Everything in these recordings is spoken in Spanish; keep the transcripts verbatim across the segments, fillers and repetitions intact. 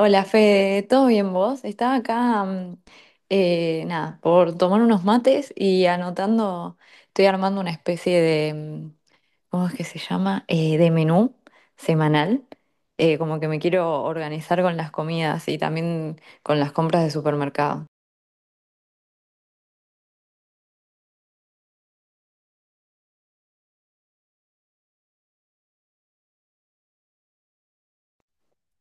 Hola Fede, ¿todo bien vos? Estaba acá, mm, eh, nada, por tomar unos mates y anotando. Estoy armando una especie de, mm, ¿cómo es que se llama? Eh, de menú semanal, eh, como que me quiero organizar con las comidas y también con las compras de supermercado.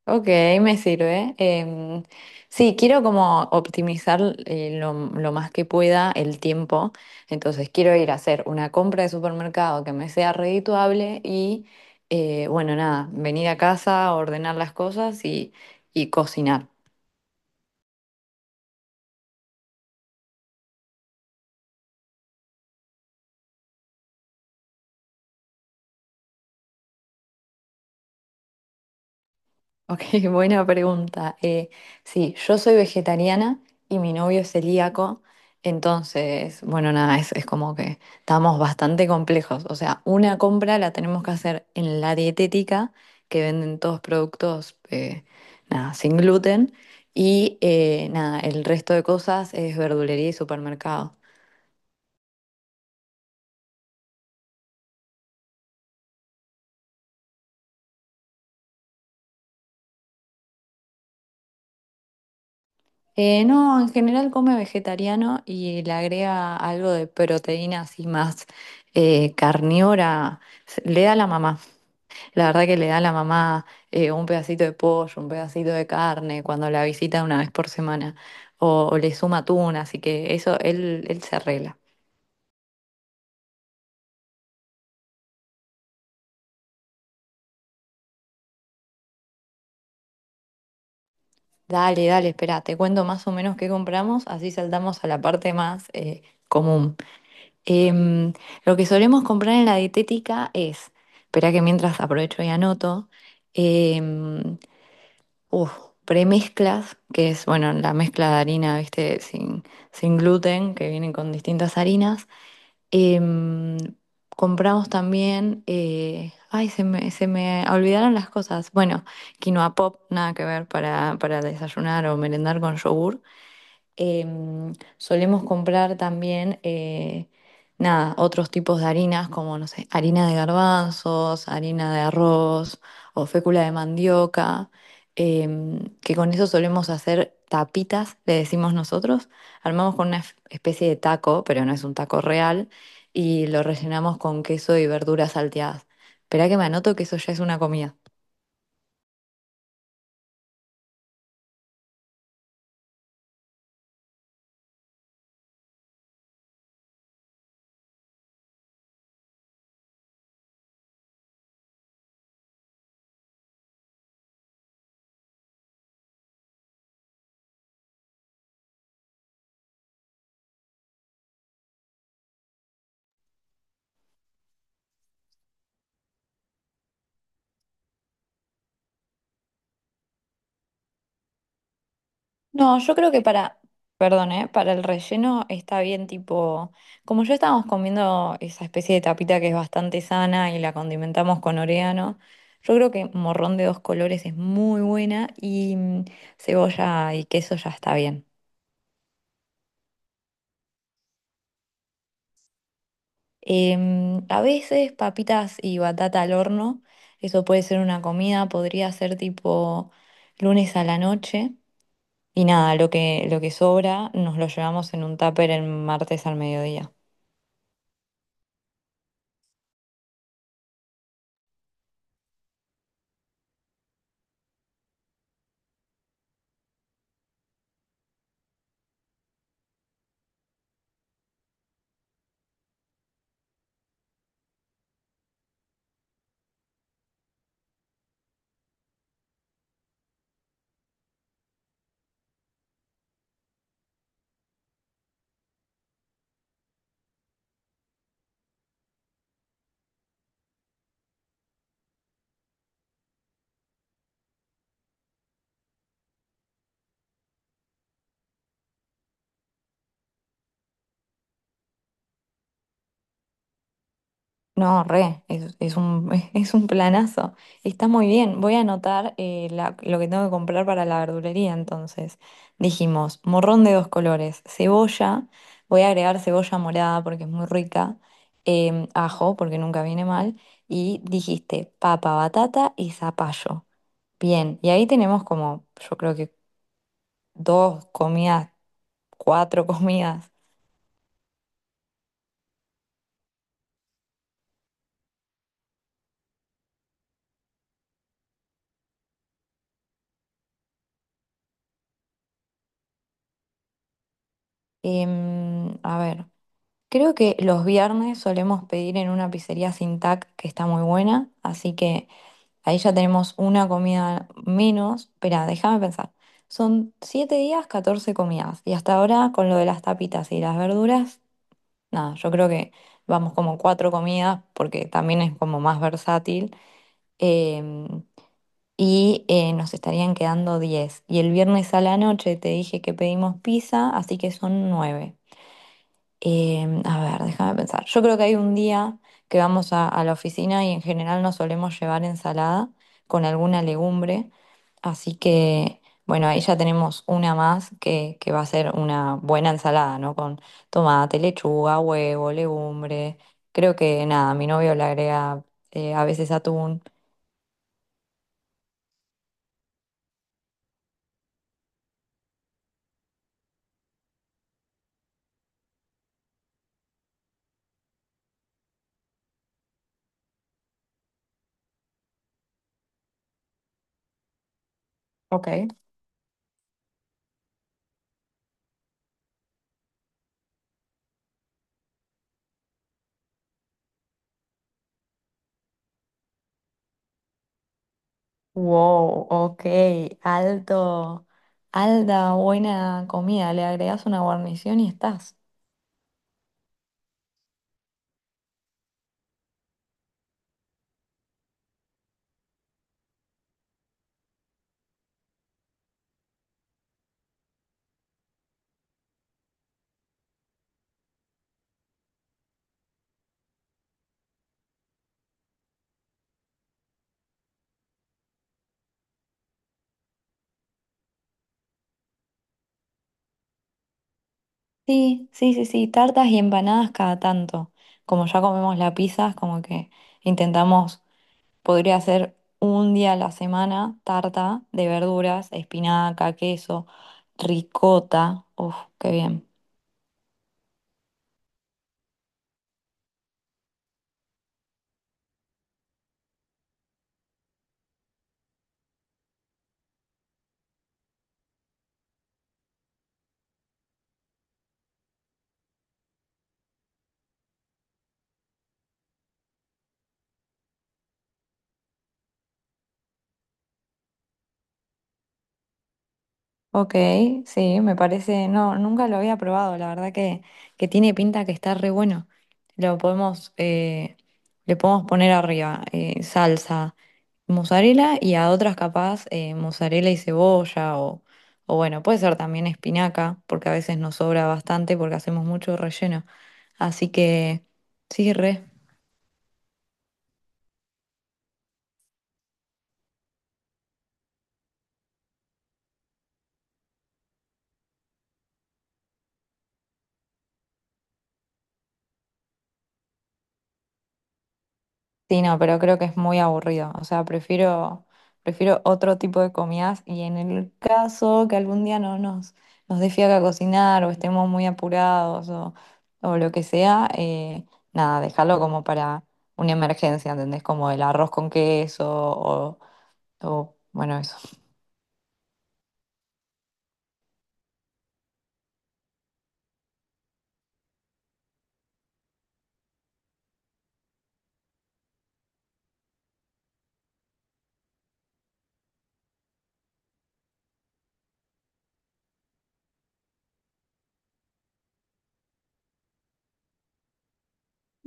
Ok, me sirve. Em, sí, quiero como optimizar eh, lo, lo más que pueda el tiempo. Entonces quiero ir a hacer una compra de supermercado que me sea redituable y, eh, bueno, nada, venir a casa, ordenar las cosas y, y cocinar. Ok, buena pregunta. Eh, sí, yo soy vegetariana y mi novio es celíaco. Entonces, bueno, nada, es, es como que estamos bastante complejos. O sea, una compra la tenemos que hacer en la dietética, que venden todos productos, eh, nada, sin gluten, y eh, nada, el resto de cosas es verdulería y supermercado. Eh, no, en general come vegetariano y le agrega algo de proteína así más eh, carnívora. Se- Le da la mamá. La verdad que le da la mamá eh, un pedacito de pollo, un pedacito de carne cuando la visita una vez por semana. O, o le suma atún, así que eso él, él se arregla. Dale, dale, espera, te cuento más o menos qué compramos, así saltamos a la parte más eh, común. Em, lo que solemos comprar en la dietética es, espera que mientras aprovecho y anoto, em, uf, premezclas, que es, bueno, la mezcla de harina, viste, sin, sin gluten, que vienen con distintas harinas. Em, Compramos también, eh, ay, se me, se me olvidaron las cosas. Bueno, quinoa pop, nada que ver para, para desayunar o merendar con yogur. Em, solemos comprar también, eh, nada, otros tipos de harinas como, no sé, harina de garbanzos, harina de arroz o fécula de mandioca, em, que con eso solemos hacer tapitas, le decimos nosotros. Armamos con una especie de taco, pero no es un taco real, y lo rellenamos con queso y verduras salteadas. Esperá que me anoto que eso ya es una comida. No, yo creo que para, perdón, ¿eh? Para el relleno está bien, tipo, como ya estábamos comiendo esa especie de tapita que es bastante sana y la condimentamos con orégano, yo creo que morrón de dos colores es muy buena y mm, cebolla y queso ya está bien. Em, a veces papitas y batata al horno, eso puede ser una comida, podría ser tipo lunes a la noche y nada, lo que, lo que sobra nos lo llevamos en un tupper el martes al mediodía. No, re, es, es un, es un planazo. Está muy bien. Voy a anotar eh, la- lo que tengo que comprar para la verdulería. Entonces, dijimos, morrón de dos colores, cebolla, voy a agregar cebolla morada porque es muy rica, em, ajo porque nunca viene mal, y dijiste papa, batata y zapallo. Bien, y ahí tenemos como, yo creo que dos comidas, cuatro comidas. Em, a ver. Creo que los viernes solemos pedir en una pizzería sin T A C que está muy buena, así que ahí ya tenemos una comida menos. Espera, déjame pensar. Son siete días, catorce comidas. Y hasta ahora, con lo de las tapitas y las verduras, nada, yo creo que vamos como cuatro comidas porque también es como más versátil. Em, y eh, nos estarían quedando diez. Y el viernes a la noche te dije que pedimos pizza, así que son nueve. Em, a ver, déjame pensar. Yo creo que hay un día que vamos a, a la oficina y en general nos solemos llevar ensalada con alguna legumbre. Así que, bueno, ahí ya tenemos una más que, que va a ser una buena ensalada, ¿no? Con tomate, lechuga, huevo, legumbre. Creo que nada, mi novio le agrega eh, a veces atún. Ok. Wow, ok, alto, alta, buena comida. Le agregas una guarnición y estás. Sí, sí, sí, sí, tartas y empanadas cada tanto. Como ya comemos la pizza, es como que intentamos, podría ser un día a la semana tarta de verduras, espinaca, queso, ricota. Uf, qué bien. Ok, sí, me parece, no, nunca lo había probado, la verdad que, que tiene pinta que está re bueno. Lo podemos, eh, le podemos poner arriba eh, salsa, mozzarella y a otras capaz eh, mozzarella y cebolla o, o bueno, puede ser también espinaca, porque a veces nos sobra bastante porque hacemos mucho relleno. Así que sí, re. Sí, no, pero creo que es muy aburrido. O sea, prefiero, prefiero otro tipo de comidas y en el caso que algún día no nos, nos dé fiaca cocinar o estemos muy apurados o, o lo que sea, eh, nada, dejarlo como para una emergencia, ¿entendés? Como el arroz con queso o, o bueno, eso.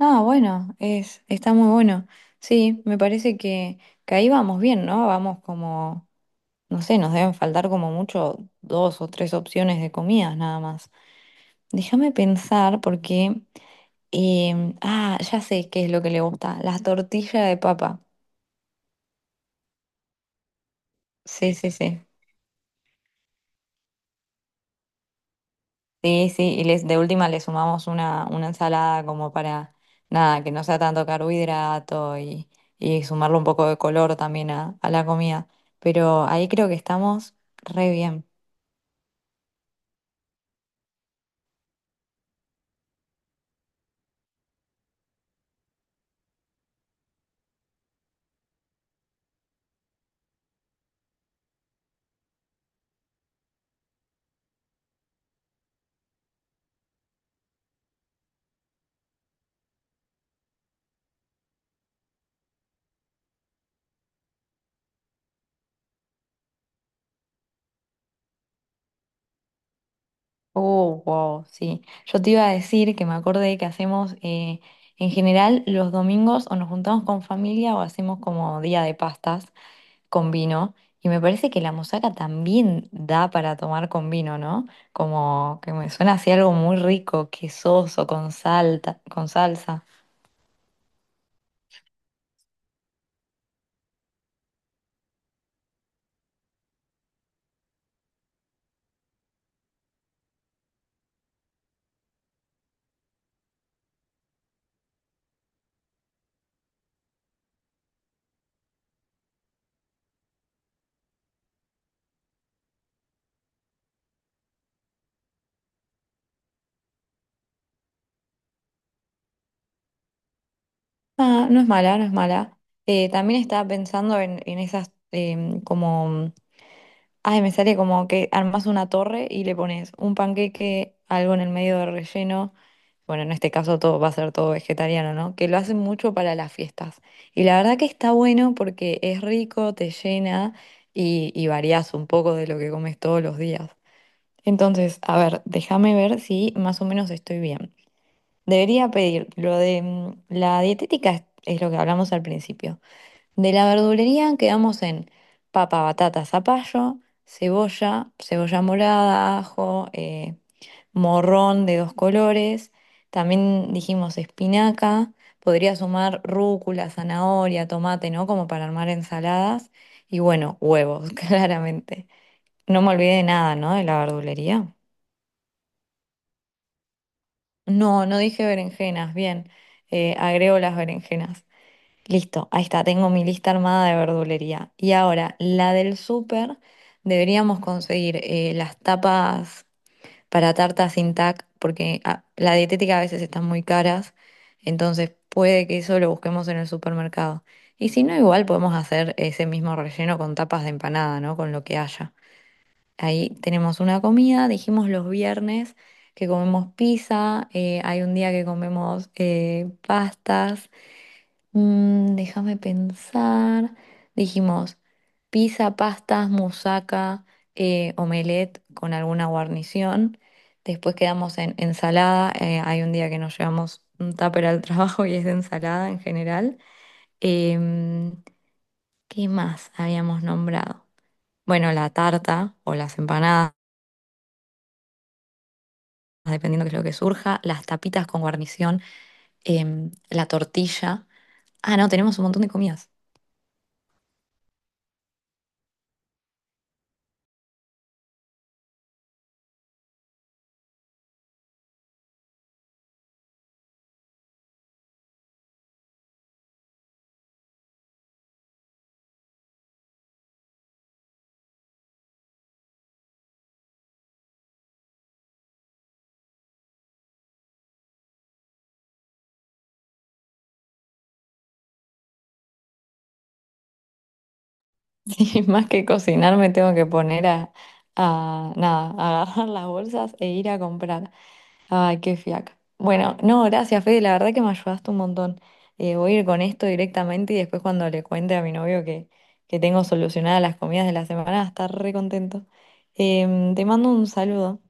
Ah, bueno, es, está muy bueno. Sí, me parece que, que ahí vamos bien, ¿no? Vamos como, no sé, nos deben faltar como mucho dos o tres opciones de comidas nada más. Déjame pensar porque... em, ah, ya sé qué es lo que le gusta. Las tortillas de papa. Sí, sí, sí. Sí, sí. Y les, de última le sumamos una, una ensalada como para, nada, que no sea tanto carbohidrato y, y sumarle un poco de color también a, a la comida. Pero ahí creo que estamos re bien. Oh, wow, sí. Yo te iba a decir que me acordé que hacemos... eh, en general, los domingos o nos juntamos con familia o hacemos como día de pastas, con vino. Y me parece que la musaca también da para tomar con vino, ¿no? Como que me suena así algo muy rico, quesoso, con salta, con salsa. Ah, no es mala, no es mala. Eh, también estaba pensando en, en esas em, como ay, me sale como que armas una torre y le pones un panqueque, algo en el medio de relleno. Bueno, en este caso todo va a ser todo vegetariano, ¿no? Que lo hacen mucho para las fiestas. Y la verdad que está bueno porque es rico, te llena y, y variás un poco de lo que comes todos los días. Entonces, a ver, déjame ver si más o menos estoy bien. Debería pedir lo de mm, la dietética, es es lo que hablamos al principio. De la verdulería quedamos en papa, batata, zapallo, cebolla, cebolla morada, ajo, eh, morrón de dos colores. También dijimos espinaca. Podría sumar rúcula, zanahoria, tomate, ¿no? Como para armar ensaladas. Y bueno, huevos, claramente. No me olvidé de nada, ¿no? De la verdulería. No, no dije berenjenas. Bien, eh, agrego las berenjenas. Listo, ahí está, tengo mi lista armada de verdulería. Y ahora, la del súper, deberíamos conseguir eh, las tapas para tartas sin tac, porque ah, la dietética a veces están muy caras, entonces puede que eso lo busquemos en el supermercado. Y si no, igual podemos hacer ese mismo relleno con tapas de empanada, ¿no? Con lo que haya. Ahí tenemos una comida, dijimos los viernes que comemos pizza, eh, hay un día que comemos eh, pastas. Mm, déjame pensar. Dijimos pizza, pastas, musaca, eh, omelette con alguna guarnición. Después quedamos en ensalada. Eh, hay un día que nos llevamos un tupper al trabajo y es de ensalada en general. Em, ¿qué más habíamos nombrado? Bueno, la tarta o las empanadas, dependiendo de lo que surja. Las tapitas con guarnición. em, la tortilla. Ah, no, tenemos un montón de comidas. Sí, más que cocinar me tengo que poner a, a nada, a agarrar las bolsas e ir a comprar. Ay, qué fiaca. Bueno, no, gracias, Fede, la verdad que me ayudaste un montón. Eh, voy a ir con esto directamente y después cuando le cuente a mi novio que, que tengo solucionadas las comidas de la semana, va a estar re contento. Em, te mando un saludo.